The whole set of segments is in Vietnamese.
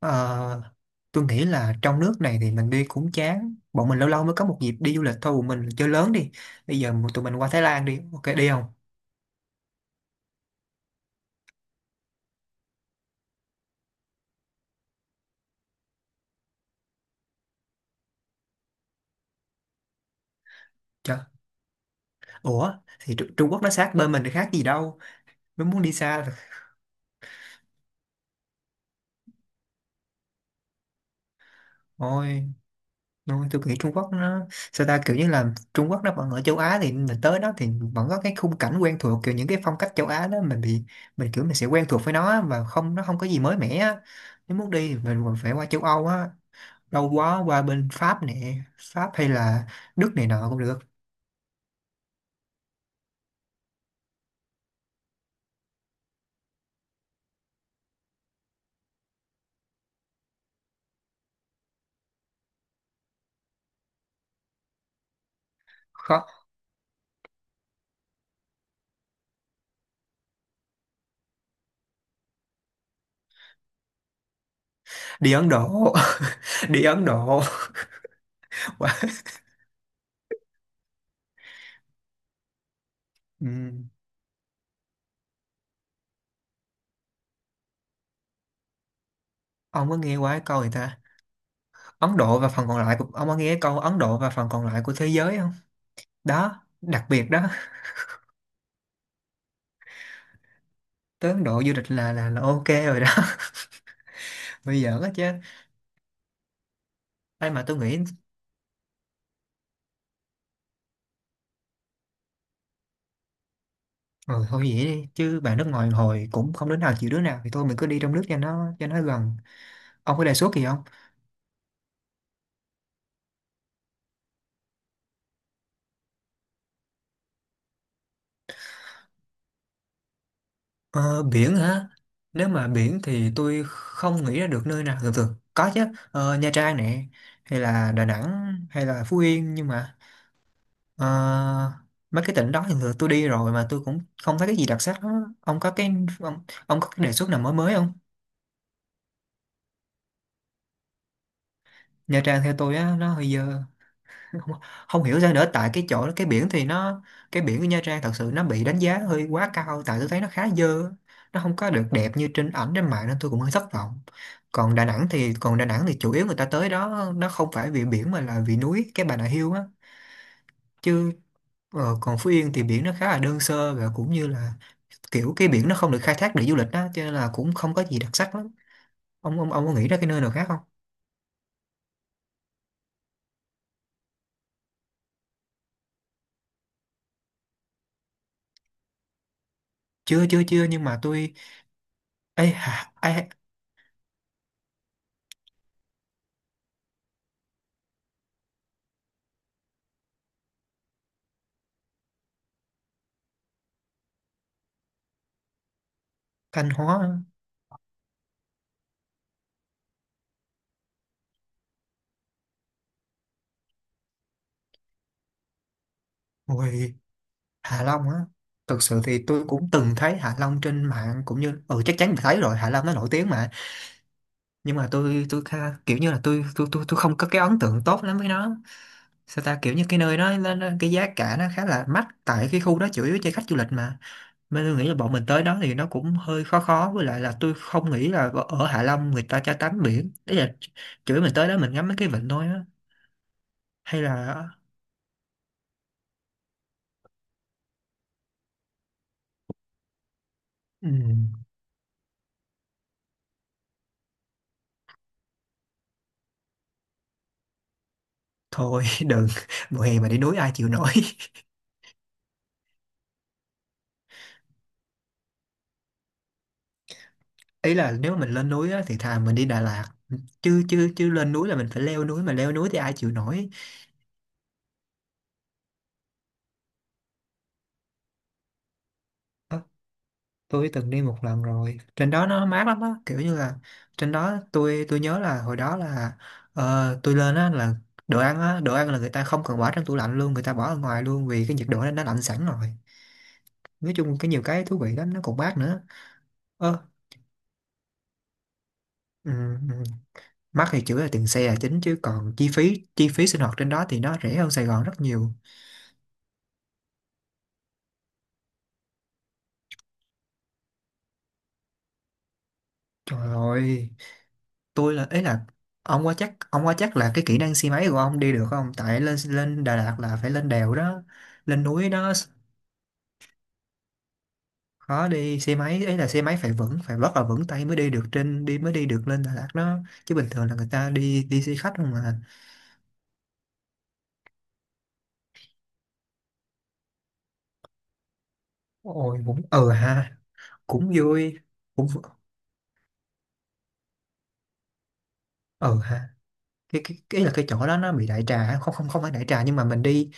Ờ, tôi nghĩ là trong nước này thì mình đi cũng chán. Bọn mình lâu lâu mới có một dịp đi du lịch thôi, bọn mình chơi lớn đi. Bây giờ tụi mình qua Thái Lan đi, ok đi không? Trời, ủa thì Trung Quốc nó sát bên mình thì khác gì đâu? Nếu muốn đi xa thì thôi thôi tôi nghĩ Trung Quốc nó, sao ta, kiểu như là Trung Quốc nó vẫn ở châu Á, thì mình tới đó thì vẫn có cái khung cảnh quen thuộc, kiểu những cái phong cách châu Á đó, mình bị mình kiểu mình sẽ quen thuộc với nó á, và không, nó không có gì mới mẻ á. Nếu muốn đi thì mình còn phải qua châu Âu á, lâu quá, qua bên Pháp nè, Pháp hay là Đức này nọ cũng được. Khó. Đi Ấn Độ, đi Ấn Độ. Qua- Ừm, ông có nghe qua cái câu người ta Ấn Độ và phần còn lại của... ông có nghe cái câu Ấn Độ và phần còn lại của thế giới không? Đó, đặc biệt đó. Tới Ấn Độ du lịch là là ok rồi đó. Bây giờ á chứ. Ai mà, tôi nghĩ. Ừ, thôi vậy đi, chứ bạn nước ngoài hồi cũng không đứa nào chịu đứa nào thì thôi mình cứ đi trong nước cho nó gần. Ông có đề xuất gì không? Ờ, biển hả? Nếu mà biển thì tôi không nghĩ ra được nơi nào. Thường thường có chứ, Ờ, Nha Trang nè, hay là Đà Nẵng, hay là Phú Yên, nhưng mà ờ, mấy cái tỉnh đó thì thường tôi đi rồi mà tôi cũng không thấy cái gì đặc sắc đó. Ông có cái, ông, ông có cái đề xuất nào mới mới không? Nha Trang theo tôi á, nó hơi dơ. Không, không hiểu sao nữa, tại cái chỗ cái biển thì nó, cái biển của Nha Trang thật sự nó bị đánh giá hơi quá cao, tại tôi thấy nó khá dơ, nó không có được đẹp như trên ảnh trên mạng nên tôi cũng hơi thất vọng. Còn Đà Nẵng thì chủ yếu người ta tới đó nó không phải vì biển mà là vì núi, cái Bà Nà Hills á. Chứ ờ, còn Phú Yên thì biển nó khá là đơn sơ và cũng như là kiểu cái biển nó không được khai thác để du lịch á, cho nên là cũng không có gì đặc sắc lắm. Ông có nghĩ ra cái nơi nào khác không? Chưa chưa Chưa nhưng mà tôi, ấy, Thanh Hóa á. Ôi, Hạ Long á, thực sự thì tôi cũng từng thấy Hạ Long trên mạng cũng như ừ chắc chắn phải thấy rồi, Hạ Long nó nổi tiếng mà. Nhưng mà tôi kiểu như là tôi không có cái ấn tượng tốt lắm với nó, sao ta, kiểu như cái nơi đó cái giá cả nó khá là mắc, tại cái khu đó chủ yếu cho khách du lịch mà, nên tôi nghĩ là bọn mình tới đó thì nó cũng hơi khó khó, với lại là tôi không nghĩ là ở ở Hạ Long người ta cho tắm biển, đấy là chủ yếu mình tới đó mình ngắm mấy cái vịnh thôi á. Hay là ừ, thôi đừng, mùa hè mà đi núi ai chịu nổi. Ý là nếu mà mình lên núi á, thì thà mình đi Đà Lạt, chứ chứ chứ lên núi là mình phải leo núi, mà leo núi thì ai chịu nổi. Ờ, tôi từng đi một lần rồi, trên đó nó mát lắm á, kiểu như là trên đó tôi nhớ là hồi đó là ờ, tôi lên á là đồ ăn á, đồ ăn là người ta không cần bỏ trong tủ lạnh luôn, người ta bỏ ở ngoài luôn vì cái nhiệt độ đó nó lạnh sẵn rồi. Nói chung cái nhiều cái thú vị lắm, nó còn mát nữa. Ờ. ừm, ừm, Mắc thì chủ yếu là tiền xe là chính, chứ còn chi phí sinh hoạt trên đó thì nó rẻ hơn Sài Gòn rất nhiều. Trời ơi, tôi là ấy là ông qua chắc là cái kỹ năng xe máy của ông đi được không, tại lên lên Đà Lạt là phải lên đèo đó, lên núi đó. Khó đi xe máy, ấy là xe máy phải vững, phải rất là vững tay mới đi được, trên đi mới đi được lên Đà Lạt đó, chứ bình thường là người ta đi đi xe khách không mà. Ôi cũng ờ ha, cũng vui, cũng ờ ha. Cái là cái chỗ đó nó bị đại trà, không không không phải đại trà nhưng mà mình đi,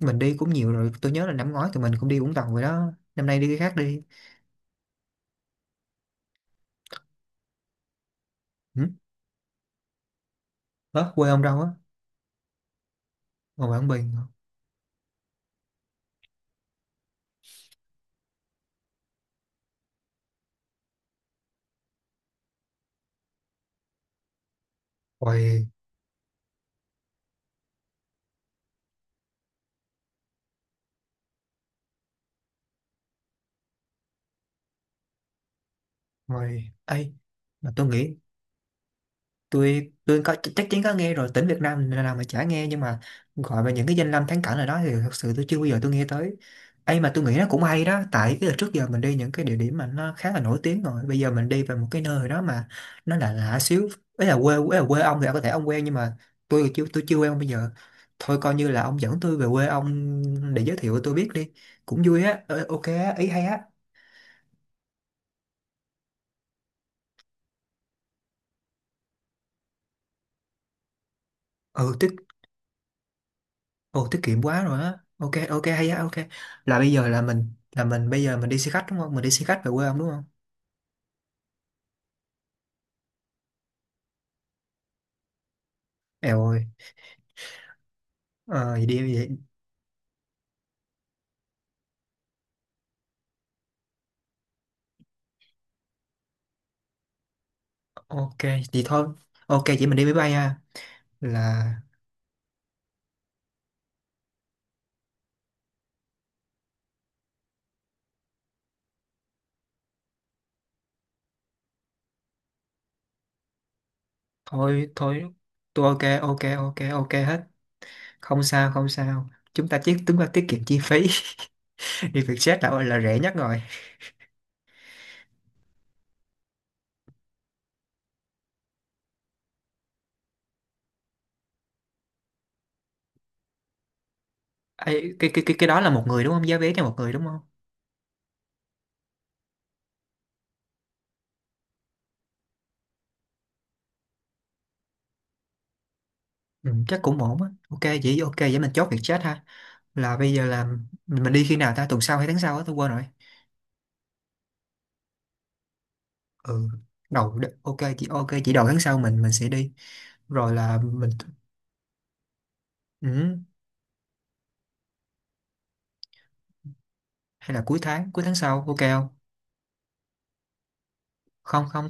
cũng nhiều rồi, tôi nhớ là năm ngoái tụi mình cũng đi Vũng Tàu rồi đó, năm nay đi cái khác đi. Ừ? Ủa, quê ông đâu á? Ngoài Quảng Bình. Ôi, ôi, ấy mà tôi nghĩ, tôi có chắc chắn có nghe rồi, tỉnh Việt Nam nào mà chả nghe, nhưng mà gọi về những cái danh lam thắng cảnh ở đó thì thật sự tôi chưa bao giờ tôi nghe tới. Ấy mà tôi nghĩ nó cũng hay đó, tại cái trước giờ mình đi những cái địa điểm mà nó khá là nổi tiếng rồi, bây giờ mình đi về một cái nơi đó mà nó là lạ xíu. Ấy là quê ông thì có thể ông quen, nhưng mà tôi chưa quen bây giờ. Thôi coi như là ông dẫn tôi về quê ông để giới thiệu tôi biết đi, cũng vui á. Ờ, ok á, ý hay á. Ừ. Ồ tiết kiệm quá rồi á. Ok ok hay á, ok. Là bây giờ là mình bây giờ mình đi xe khách đúng không? Mình đi xe khách về quê ông đúng không? Eo ơi. Ờ vậy đi vậy. Ok vậy thôi. Ok chị mình đi máy bay ha. Là thôi thôi tôi ok ok ok ok hết. Không sao. Chúng ta tiết kiệm chi phí. Đi Vietjet là rẻ nhất rồi. Ê, cái đó là một người đúng không? Giá vé cho một người đúng không? Ừ, chắc cũng ổn á. Ok vậy mình chốt Vietjet ha. Là bây giờ là mình đi khi nào ta? Tuần sau hay tháng sau á, tôi quên rồi. Ừ, ok chị đầu tháng sau mình sẽ đi, rồi là mình, ừ, hay là cuối tháng sau ok không? Không,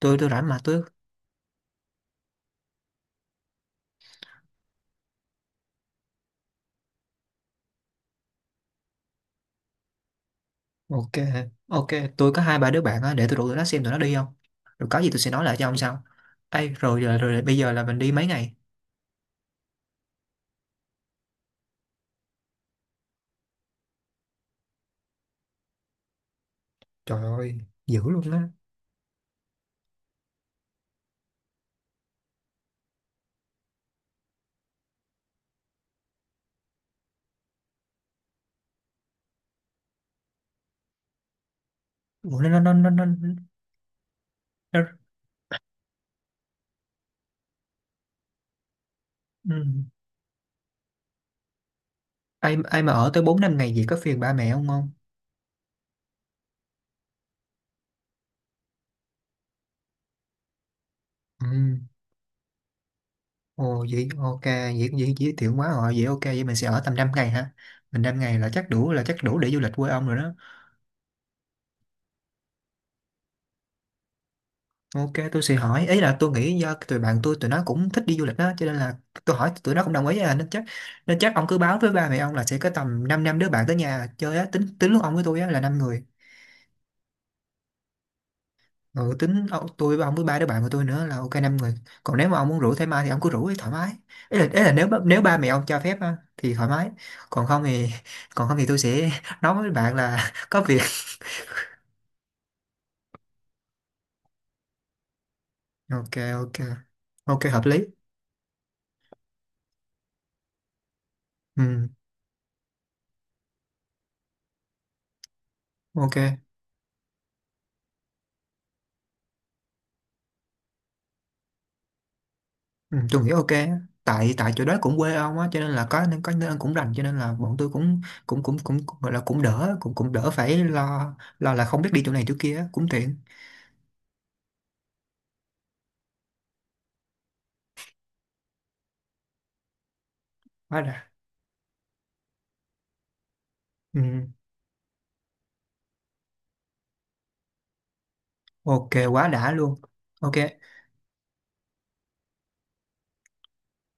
tôi rảnh mà tôi, ok ok. Tôi có hai ba đứa bạn á, để tôi rủ tụi nó xem tụi nó đi không, rồi có gì tôi sẽ nói lại cho ông sau. Ấy rồi, rồi bây giờ là mình đi mấy ngày. Trời ơi, dữ luôn á. Ủa, nó. Ừ. Ai ai mà ở tới bốn năm ngày gì có phiền ba mẹ không không? Ừ. Ồ vậy ok vậy, vậy giới thiệu quá rồi vậy, ok vậy mình sẽ ở tầm 5 ngày hả, mình năm ngày là chắc đủ để du lịch quê ông rồi đó. Ok tôi sẽ hỏi, ý là tôi nghĩ do tụi bạn tôi tụi nó cũng thích đi du lịch đó, cho nên là tôi hỏi tụi nó cũng đồng ý à, nên chắc ông cứ báo với ba mẹ ông là sẽ có tầm 5 năm năm đứa bạn tới nhà chơi á, tính tính lúc ông với tôi á là năm người. Ừ, tính ông, tôi với ông với ba đứa bạn của tôi nữa là ok năm người. Còn nếu mà ông muốn rủ thêm ai thì ông cứ rủ ấy, thoải mái. Ý là nếu nếu ba mẹ ông cho phép á, thì thoải mái. Còn không thì còn không thì tôi sẽ nói với bạn là có việc. Ok ok. Ok hợp lý. Ừ, ok. Ừ, tôi nghĩ ok á. Tại tại chỗ đó cũng quê ông á, cho nên là có nên cũng rành, cho nên là bọn tôi cũng cũng cũng cũng, cũng gọi là cũng đỡ, cũng cũng đỡ phải lo, lo là không biết đi chỗ này chỗ kia á, cũng tiện. Quá đã. Ừ, ok. Quá đã luôn. Ok.